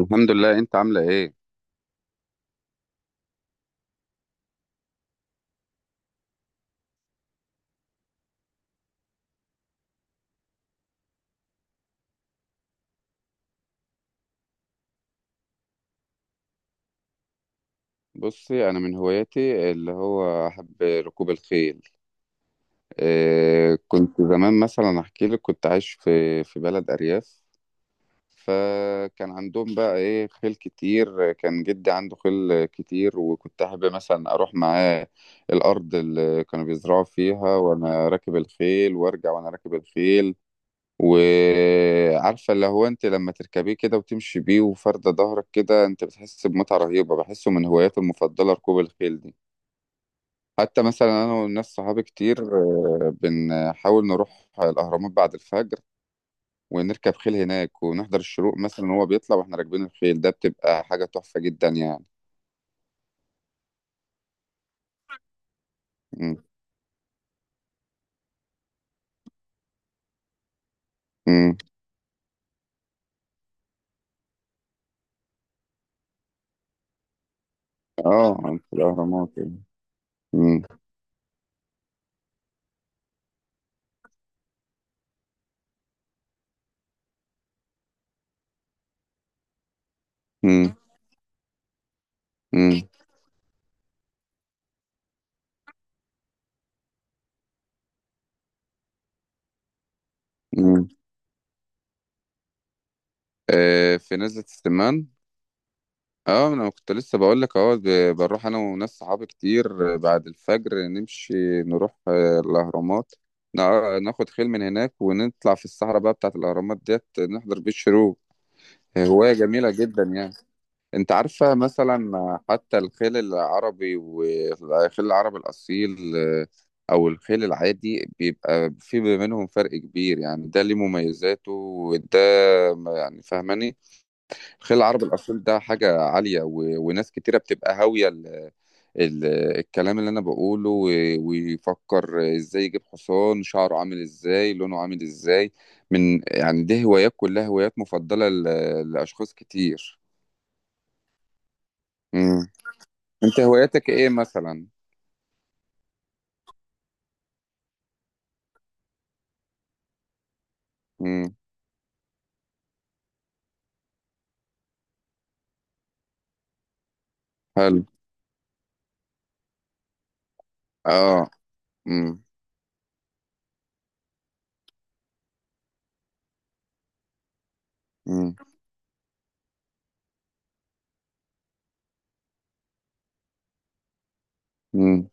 الحمد لله، انت عامله ايه؟ بصي انا من هواياتي اللي هو احب ركوب الخيل. إيه كنت زمان مثلا احكي لك، كنت عايش في بلد ارياف، فكان عندهم بقى ايه خيل كتير، كان جدي عنده خيل كتير وكنت احب مثلا اروح معاه الارض اللي كانوا بيزرعوا فيها وانا راكب الخيل وارجع وانا راكب الخيل. وعارفة اللي هو انت لما تركبيه كده وتمشي بيه وفردة ظهرك كده انت بتحس بمتعة رهيبة، بحسه من هواياتي المفضلة ركوب الخيل دي. حتى مثلا انا والناس صحابي كتير بنحاول نروح الاهرامات بعد الفجر ونركب خيل هناك ونحضر الشروق مثلا وهو بيطلع واحنا راكبين الخيل، ده بتبقى حاجة تحفة جدا يعني. م- م. اه، في الاهرامات يعني. م- م- م- م. في نزلة السمان. اه، انا كنت لسه بقول لك، اه، بنروح انا وناس صحابي كتير بعد الفجر نمشي نروح الاهرامات، ناخد خيل من هناك ونطلع في الصحراء بقى بتاعت الاهرامات ديت نحضر بيه الشروق. هواية جميلة جدا يعني. انت عارفة مثلا، حتى الخيل العربي والخيل العربي الاصيل او الخيل العادي بيبقى في منهم فرق كبير يعني، ده ليه مميزاته وده يعني، فاهماني؟ الخليل العربي الأصيل ده حاجة عالية، وناس كتيرة بتبقى هاوية ال... الكلام اللي أنا بقوله، ويفكر إزاي يجيب حصان، شعره عامل إزاي، لونه عامل إزاي. من يعني، دي هوايات كلها هوايات مفضلة لأشخاص كتير. مم. أنت هواياتك إيه مثلا؟ مم. حلو. آه. مم. مم. مم.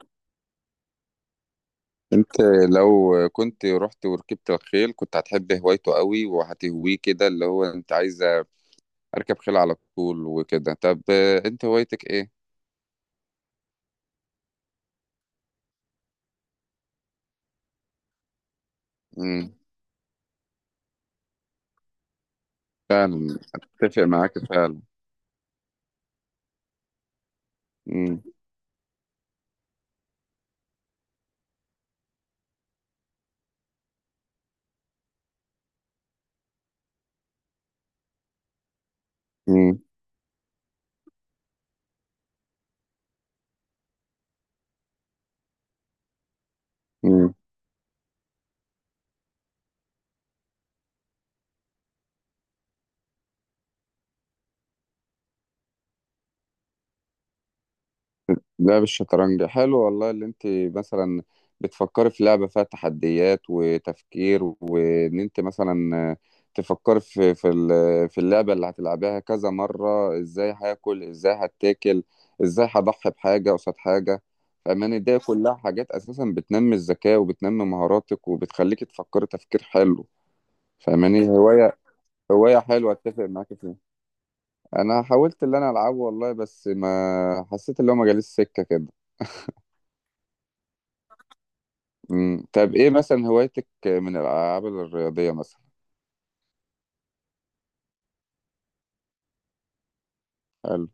أنت لو كنت رحت وركبت الخيل كنت هتحب هوايته قوي وهتهويه كده، اللي هو أنت عايز اركب خيل على طول وكده. طب انت هوايتك ايه؟ امم، فعلا اتفق معاك، فعلا. امم. امم. امم. لعب الشطرنج حلو والله، اللي انت مثلا بتفكري في لعبة فيها تحديات وتفكير، وان انت مثلا تفكري في في اللعبة اللي هتلعبيها كذا مرة، ازاي هاكل، ازاي هتاكل، ازاي هضحي بحاجة قصاد حاجة. فاهماني؟ دي كلها حاجات اساسا بتنمي الذكاء وبتنمي مهاراتك وبتخليك تفكري تفكير حلو. فاهماني؟ هواية، هواية حلوة، اتفق معاك فيها. انا حاولت اللي انا العبه والله بس ما حسيت اللي هو، ما جاليش سكة كده. امم، طب ايه مثلا هوايتك من الالعاب الرياضية مثلا؟ حلو.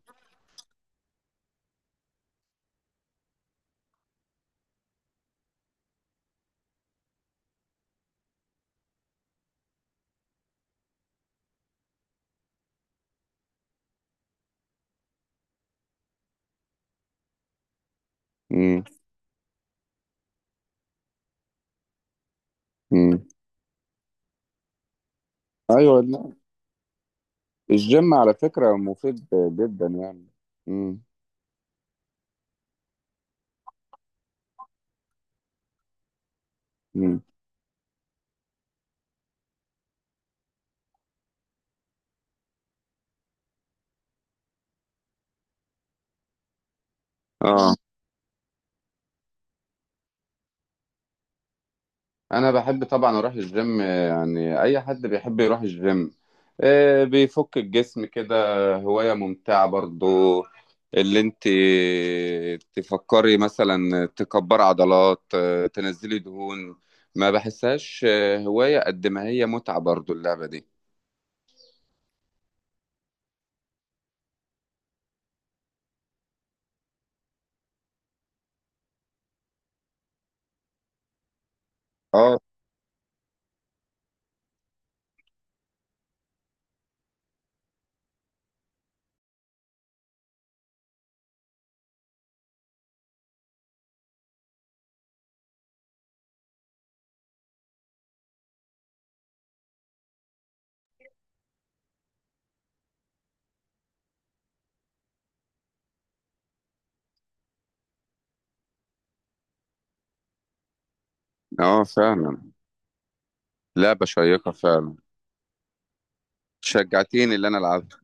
امم. امم. ايوه. لا. الجيم على فكرة مفيد جدا يعني. امم. امم. اه، انا بحب طبعا اروح الجيم، يعني اي حد بيحب يروح الجيم. بيفك الجسم كده، هواية ممتعة برضو، اللي انت تفكري مثلا تكبر عضلات، تنزلي دهون. ما بحسهاش هواية قد ما هي متعة برضو اللعبة دي. اه. اه فعلا، لعبة شيقة فعلا. شجعتيني اللي انا العبها.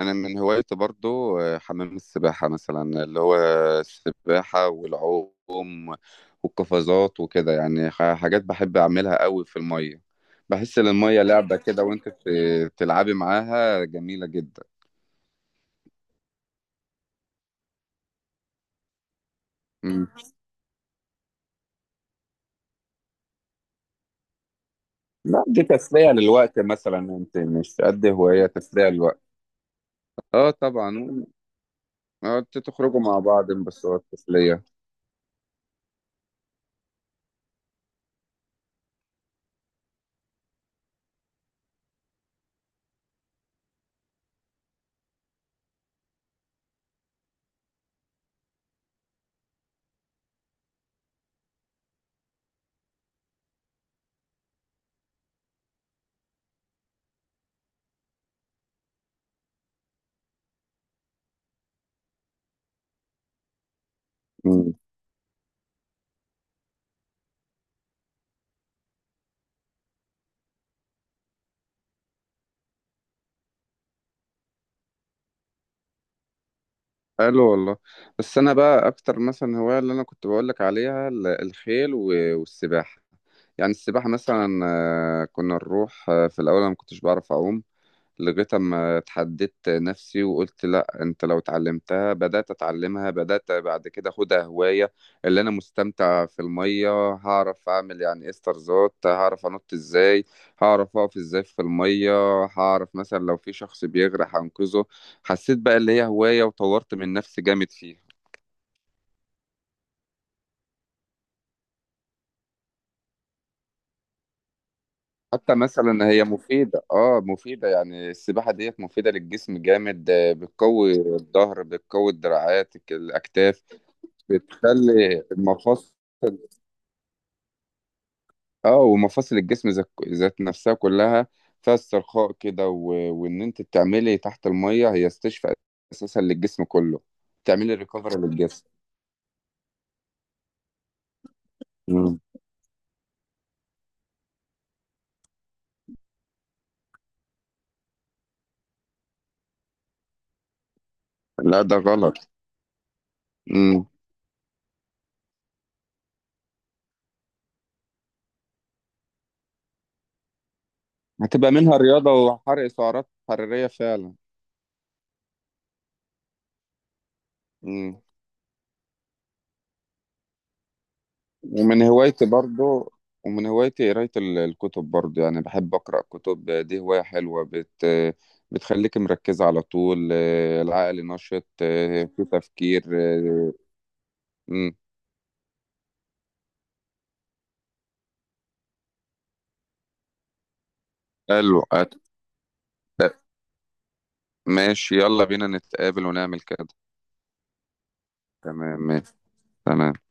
انا من هوايتي برضو حمام السباحه مثلا، اللي هو السباحه والعوم والقفازات وكده يعني، حاجات بحب اعملها قوي في الميه. بحس ان الميه لعبه كده وانت بتلعبي معاها، جميله جدا. مم. لا، دي تسليه للوقت مثلا، انت مش قد هوايه، تسليه للوقت. اه طبعا. اه، تخرجوا مع بعض، بس هو التسليه. حلو والله. بس انا بقى اكتر مثلا هوايه اللي انا كنت بقول لك عليها الخيل والسباحه. يعني السباحه مثلا، كنا نروح، في الاول انا ما كنتش بعرف اعوم لغاية أما اتحددت نفسي وقلت لأ، أنت لو اتعلمتها، بدأت أتعلمها، بدأت بعد كده أخدها هواية اللي أنا مستمتع في المية. هعرف أعمل يعني إيه استرزات، هعرف أنط إزاي، هعرف أقف إزاي في المية، هعرف مثلا لو في شخص بيغرق هنقذه. حسيت بقى اللي هي هواية وطورت من نفسي جامد فيها. حتى مثلا هي مفيدة، اه مفيدة، يعني السباحة ديت مفيدة للجسم جامد، بتقوي الظهر، بتقوي الدراعات، الأكتاف. بتخلي المفاصل، اه ومفاصل الجسم ذات نفسها كلها فيها استرخاء كده، وان انت تعملي تحت المية هي استشفاء اساسا للجسم كله، تعملي ريكفري للجسم. مم. لا ده غلط. مم. هتبقى منها رياضة وحرق سعرات حرارية فعلا. مم. ومن هوايتي برضو ومن هوايتي قراية الكتب برضو، يعني بحب أقرأ كتب، دي هواية حلوة، بتخليك مركزة على طول، العقل نشط في تفكير آه،. مم. حلو. ماشي، يلا بينا نتقابل ونعمل كده. تمام، ماشي. تمام.